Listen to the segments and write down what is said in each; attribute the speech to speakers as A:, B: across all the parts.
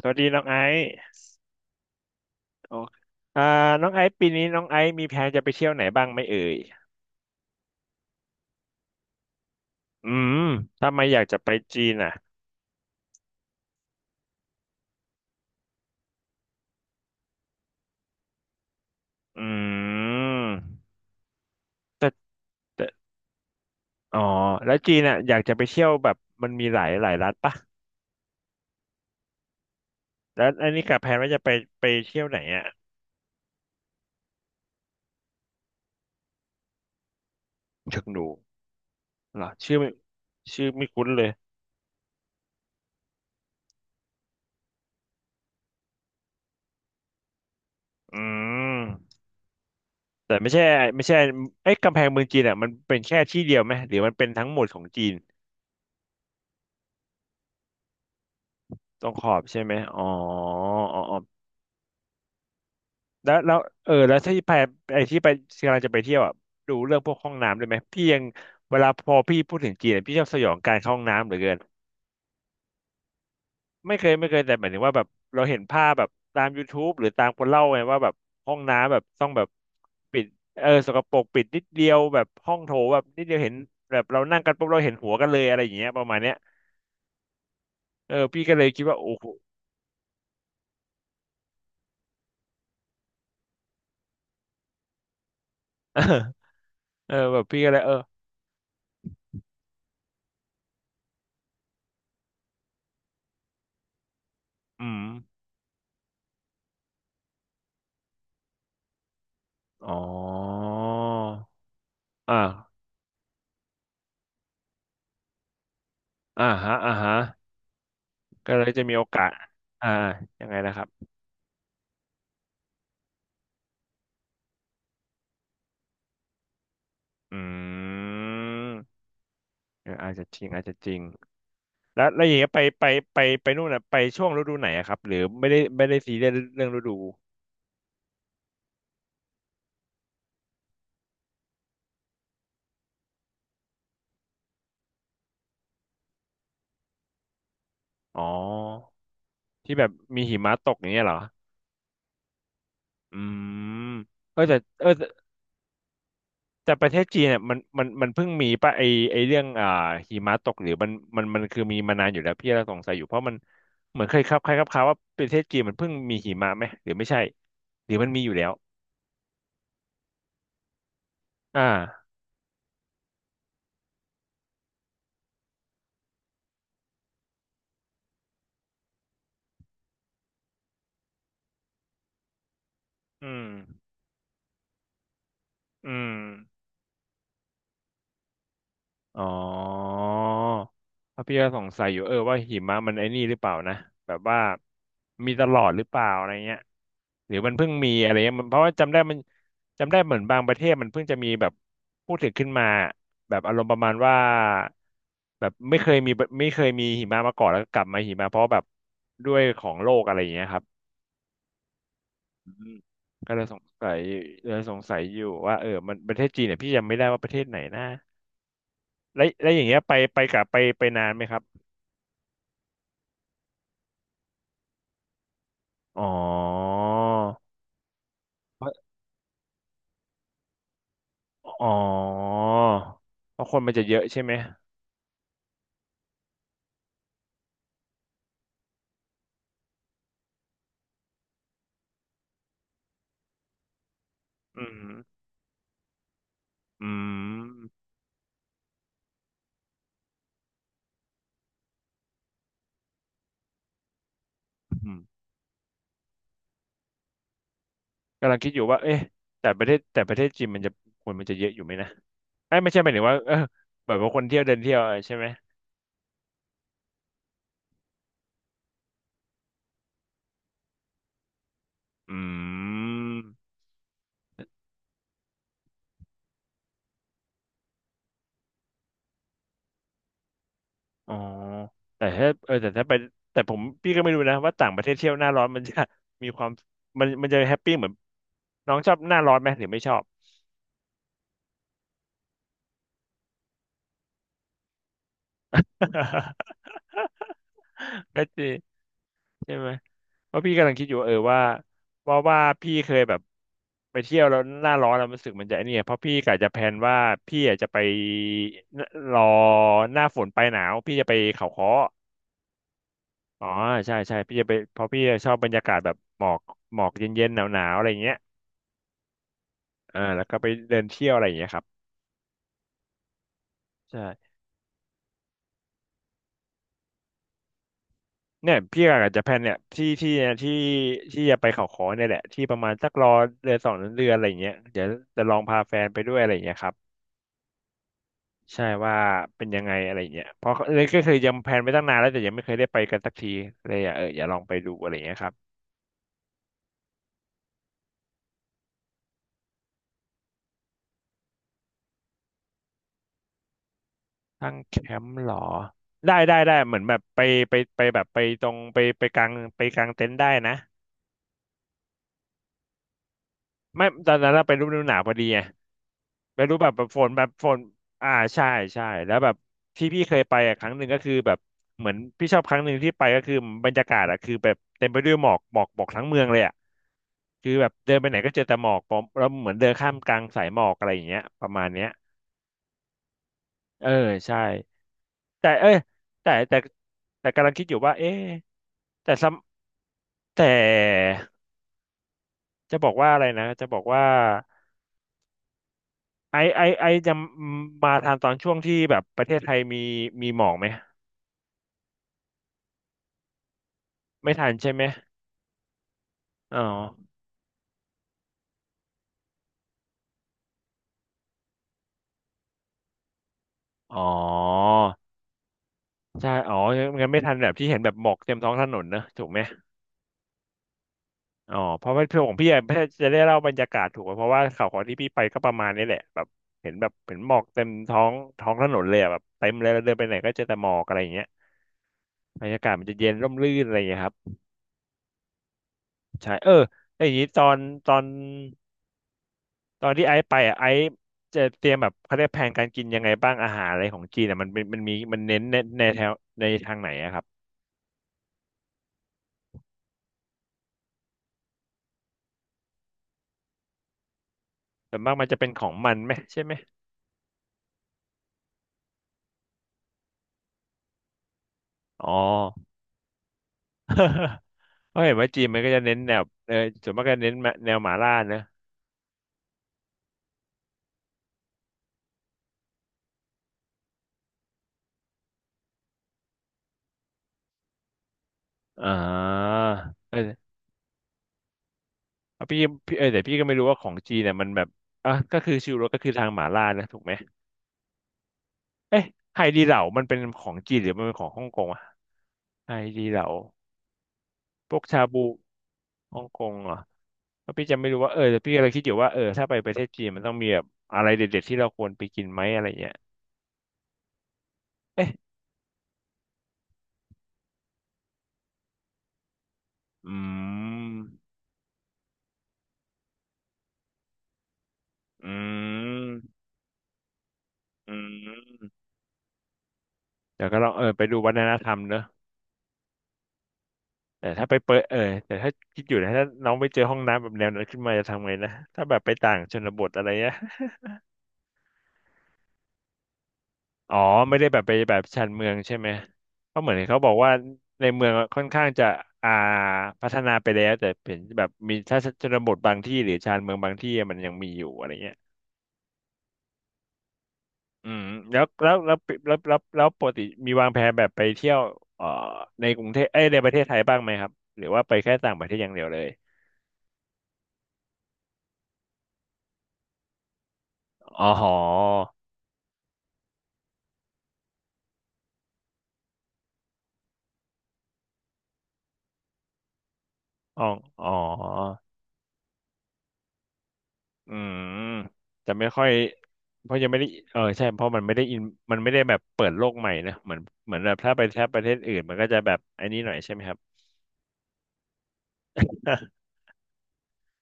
A: สวัสดีน้องไอซ์โออ่าน้องไอซ์ปีนี้น้องไอซ์มีแผนจะไปเที่ยวไหนบ้างไหมเอ่ยอืมทำไมอยากจะไปจีนอ่ะอืมแต่แต่อ๋อแล้วจีนอ่ะอยากจะไปเที่ยวแบบมันมีหลายรัฐปะแล้วอันนี้กับแผนว่าจะไปเที่ยวไหนอ่ะเชิงดูเหรอชื่อไม่ชื่อไม่คุ้นเลยอืมแต่ไม่ใช่เอ้ยกำแพงเมืองจีนอ่ะมันเป็นแค่ที่เดียวไหมหรือมันเป็นทั้งหมดของจีนตรงขอบใช่ไหมอ๋ออ๋ออ๋อ แล้วเออแล้วถ้าที่ไปไอ้ที่ไปกำลังจะไปเที่ยวอ่ะดูเรื่องพวกห้องน้ำด้วยไหมพี่ยังเวลาพอพี่พูดถึงจีนอะพี่ชอบสยองการเข้าห้องน้ำเหลือเกินไม่เคยแต่หมายถึงว่าแบบเราเห็นภาพแบบตามยูทูบหรือตามคนเล่าไงว่าแบบห้องน้ำแบบต้องแบบปิดเออสกปรกปิดนิดเดียวแบบห้องโถแบบนิดเดียวเห็นแบบเรานั่งกันปุ๊บเราเห็นหัวกันเลยอะไรอย่างเงี้ยประมาณเนี้ยเออพี่ก็เลยคิดว่าโอ้โห เออแบบพี่ก็เลยเอออืมอ๋ออ่าอ่าฮะอ่าฮะ ก็เลยจะมีโอกาส อ่ายังไงนะครับอืมเอออาจจะจริงแล้วอย่างเงี้ยไปไปนู่นน่ะไปช่วงฤดูไหนอะครับหรือไม่ได้ซีเรียสเรื่องฤดูอ๋อที่แบบมีหิมะตกอย่างเงี้ยเหรออืมเออแต่แต่ประเทศจีนเนี่ยมันมันเพิ่งมีป่ะไอเรื่องหิมะตกหรือมันมันคือมีมานานอยู่แล้วพี่เราสงสัยอยู่เพราะมันเหมือนเคยครับใครครับข่าวว่าประเทศจีนมันเพิ่งมีหิมะไหมหรือไม่ใช่หรือมันมีอยู่แล้วอ่า อืมอืมอ๋อเพราะพี่ก็สงสัยอยู่เออว่าหิมะมันไอ้นี่หรือเปล่านะแบบว่ามีตลอดหรือเปล่าอะไรเงี้ยหรือมันเพิ่งมีอะไรเงี้ยมันเพราะว่าจำได้มันจำได้เหมือนบางประเทศมันเพิ่งจะมีแบบพูดถึงขึ้นมาแบบอารมณ์ประมาณว่าแบบไม่เคยมีหิมะมาก่อนแล้วก็กลับมาหิมะเพราะแบบด้วยของโลกอะไรอย่างเงี้ยครับอืมก็เลยสงสัยอยู่ว่าเออมันประเทศจีนเนี่ยพี่ยังไม่ได้ว่าประเทศไหนนะ แล้วอย่างเงี้ยไปนานไหมครับอ๋ออ๋อเพราะคนมันจะเยอะใช่ไหมอืมอืมอืมกำลังคิดอยู่ว่าเอ๊ะแต่ประเทศจีนมันจะคนมันจะเยอะอยู่ไหมนะไอ้ยไม่ใช่หมายถึงว่าเออแบบว่าคนเที่ยวเดินเที่ยวอะไรใช่ไหมอืมอ๋อแต่ถ้าเออแต่ถ้าไปแต่ผมพี่ก็ไม่รู้นะว่าต่างประเทศเที่ยวหน้าร้อนมันจะมีความมันจะแฮปปี้เหมือนน้องชอบหน้าร้อนไหมหรือไม่ชอบ ก็จริง ใช่ไหมเพราะพี่กำลังคิดอยู่ว่าเออว่าว่าพี่เคยแบบไปเที่ยวแล้วหน้าร้อนแล้วรู้สึกมันจะไอ้เนี่ยเพราะพี่กะจะแพลนว่าพี่อยากจะไปรอหน้าฝนปลายหนาวพี่จะไปเขาค้ออ๋อใช่ใช่พี่จะไปเพราะพี่ชอบบรรยากาศแบบหมอกเย็นๆหนาวๆอะไรอย่างเงี้ยแล้วก็ไปเดินเที่ยวอะไรอย่างเงี้ยครับใช่เนี่ยพี่กะจจะแพลนเนี่ยที่ที่จะไปเขาค้อเนี่ยแหละที่ประมาณสักรอเดือนสองเดือนอะไรอย่างเงี้ยเดี๋ยวจะลองพาแฟนไปด้วยอะไรอย่างเงี้ยครับ ใช่ว่าเป็นยังไงอะไรเงี้ยเพราะเลยก็คือยังแพลนไว้ตั้งนานแล้วแต่ยังไม่เคยได้ไปกันสักทีเลยอ่ะเอออย่าลองไปดูอะไรเงี้ยครับ ตั้งแคมป์หรอได้เหมือนแบบไปแบบไปตรงไปไปกลางเต็นท์ได้นะไม่ตอนนั้นเราไปฤดูหนาวพอดีไง ไม่รู้แบบฝนแบบฝนอ่าใช่ใช่แล้วแบบที่พี่เคยไปอะครั้งหนึ่งก็คือแบบเหมือนพี่ชอบครั้งหนึ่งที่ไปก็คือบรรยากาศอะคือแบบเต็มไปด้วยหมอกทั้งเมืองเลยอะคือแบบเดินไปไหนก็เจอแต่หมอกผมเราเหมือนเดินข้ามกลางสายหมอกอะไรอย่างเงี้ยประมาณเนี้ยเออใช่แต่เอ้ยแต่แต่แต่กำลังคิดอยู่ว่าเอ๊ะแต่ซ้ำแต่จะบอกว่าอะไรนะจะบอกว่าไอจะมาทานตอนช่วงที่แบบประเทศไทยมีหมอกไหมไม่ทันใช่ไหม อ๋ออ๋อใช่อ๋องั้นไม่ทันแบบที่เห็นแบบหมอกเต็มท้องถนนนะถูกไหมอ๋อเพราะว่าพ่ของพี่อะจะได้เล่าบรรยากาศถูกไหมเพราะว่าข่าวของที่พี่ไปก็ประมาณนี้แหละแบบเห็นแบบเห็นหมอกเต็มท้องถนนเลยอะแบบเต็มเลยแล้วเดินไปไหนก็เจอแต่หมอกอะไรอย่างเงี้ยบรรยากาศมันจะเย็นร่มรื่นอะไรอย่างเงี้ยครับใช่เออแล้วอย่างนี้ตอนตอนที่ไอซ์ไปอะไอซ์จะเตรียมแบบเขาเรียกแผนการกินยังไงบ้างอาหารอะไรของจีนอะมันเป็นมันมีมันเน้นในแถวในทางไหนอะครับส่วนมากมันจะเป็นของมันไหมใช่ไหม อ๋อ เพราะเห็นว่าจีนมันก็จะเน้นแนวเออส่วนมากก็เน้นแนวหมาล่านะอ่าเออเอาพี่พี่เออแต่พี่ก็ไม่รู้ว่าของจีนเนี่ยมันแบบอ่ะก็คือชิวโรสก็คือทางหมาล่านะถูกไหมเอ๊ะไฮดีเหลามันเป็นของจีนหรือมันเป็นของฮ่องกงอะไฮดีเหลาพวกชาบูฮ่องกงเหรอเพราะพี่จะไม่รู้ว่าเออแต่พี่กำลังคิดอยู่ว่าเออถ้าไปประเทศจีนมันต้องมีแบบอะไรเด็ดๆที่เราควรไปกินไหมอะไรเงี้ยเอ๊ะอืมอืมอืม เดี๋ยวก็ลองเออไปดูวัฒนธรรมเนอะแต่ถ้าไปเปิดเออแต่ถ้าคิดอยู่นะถ้าน้องไปเจอห้องน้ำแบบแนวนั้นขึ้นมาจะทำไงนะถ้าแบบไปต่างชนบทอะไรเงี้ย อ๋อไม่ได้แบบไปแบบชานเมืองใช่ไหมเพราะเหมือนเขาบอกว่าในเมืองอะค่อนข้างจะอ่าพัฒนาไปแล้วแต่เป็นแบบมีถ้าชนบทบางที่หรือชานเมืองบางที่อะมันยังมีอยู่อะไรเงี้ยอืมแล้วแล้วแล้วแล้วแล้วแล้วปกติมีวางแผนแบบไปเที่ยวเอ่อในกรุงเทพเอ้ยในประเทศไทยบ้างไหมครับหรือว่าไปแค่ต่างประเทศอย่างเดียวเลยอ๋อหอ อ๋ออ๋ออืมแต่ไม่ค่อยเพราะยังไม่ได้เออใช่เพราะมันไม่ได้อินมันไม่ได้แบบเปิดโลกใหม่นะเหมือนเหมือนแบบถ้าไปถ้าประเทศอื่นมันก็จะแบบไอ้นี้หน่อยใช่ไหมครับ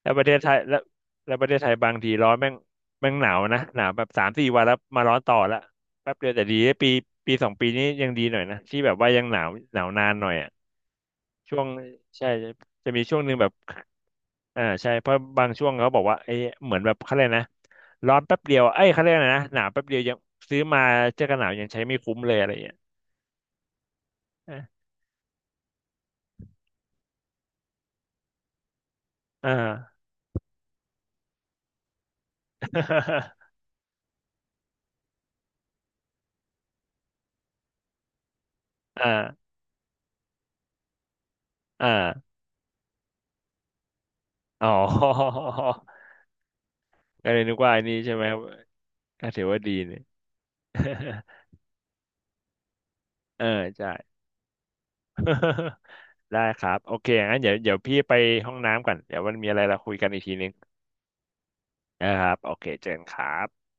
A: แล้วประเทศไทยแล้วแล้วประเทศไทยบางทีร้อนแม่งแม่งหนาวนะหนาวแบบสามสี่วันแล้วมาร้อนต่อละแป๊บเดียวแต่ดีนะปีปีสองปีนี้ยังดีหน่อยนะที่แบบว่ายังหนาวนานหน่อยอ่ะช่วงใช่จะมีช่วงหนึ่งแบบอ่าใช่เพราะบางช่วงเขาบอกว่าเอ้ยเหมือนแบบเขาเลยกนะ ร้อนแป๊บเดียวเอ้ยเขาเรียกอะไรนะ หนาวแป๊บเดียวยังซื้อมาเจอกันหนาวยังใช้ไม่คุ้มเลยอะไรอย่างเงี้ยอ่า อ่าอ่าอ๋อ ก็เลยนึกว่าอันนี้ใช่ไหมครับก็ถือว่าดีเนี่ย เออใช่ ได้ครับโอเคงั้นเดี๋ยวเดี๋ยวพี่ไปห้องน้ำก่อนเดี๋ยวมันมีอะไรเราคุยกันอีกทีนึงนะครับโอเคเจอกันครับ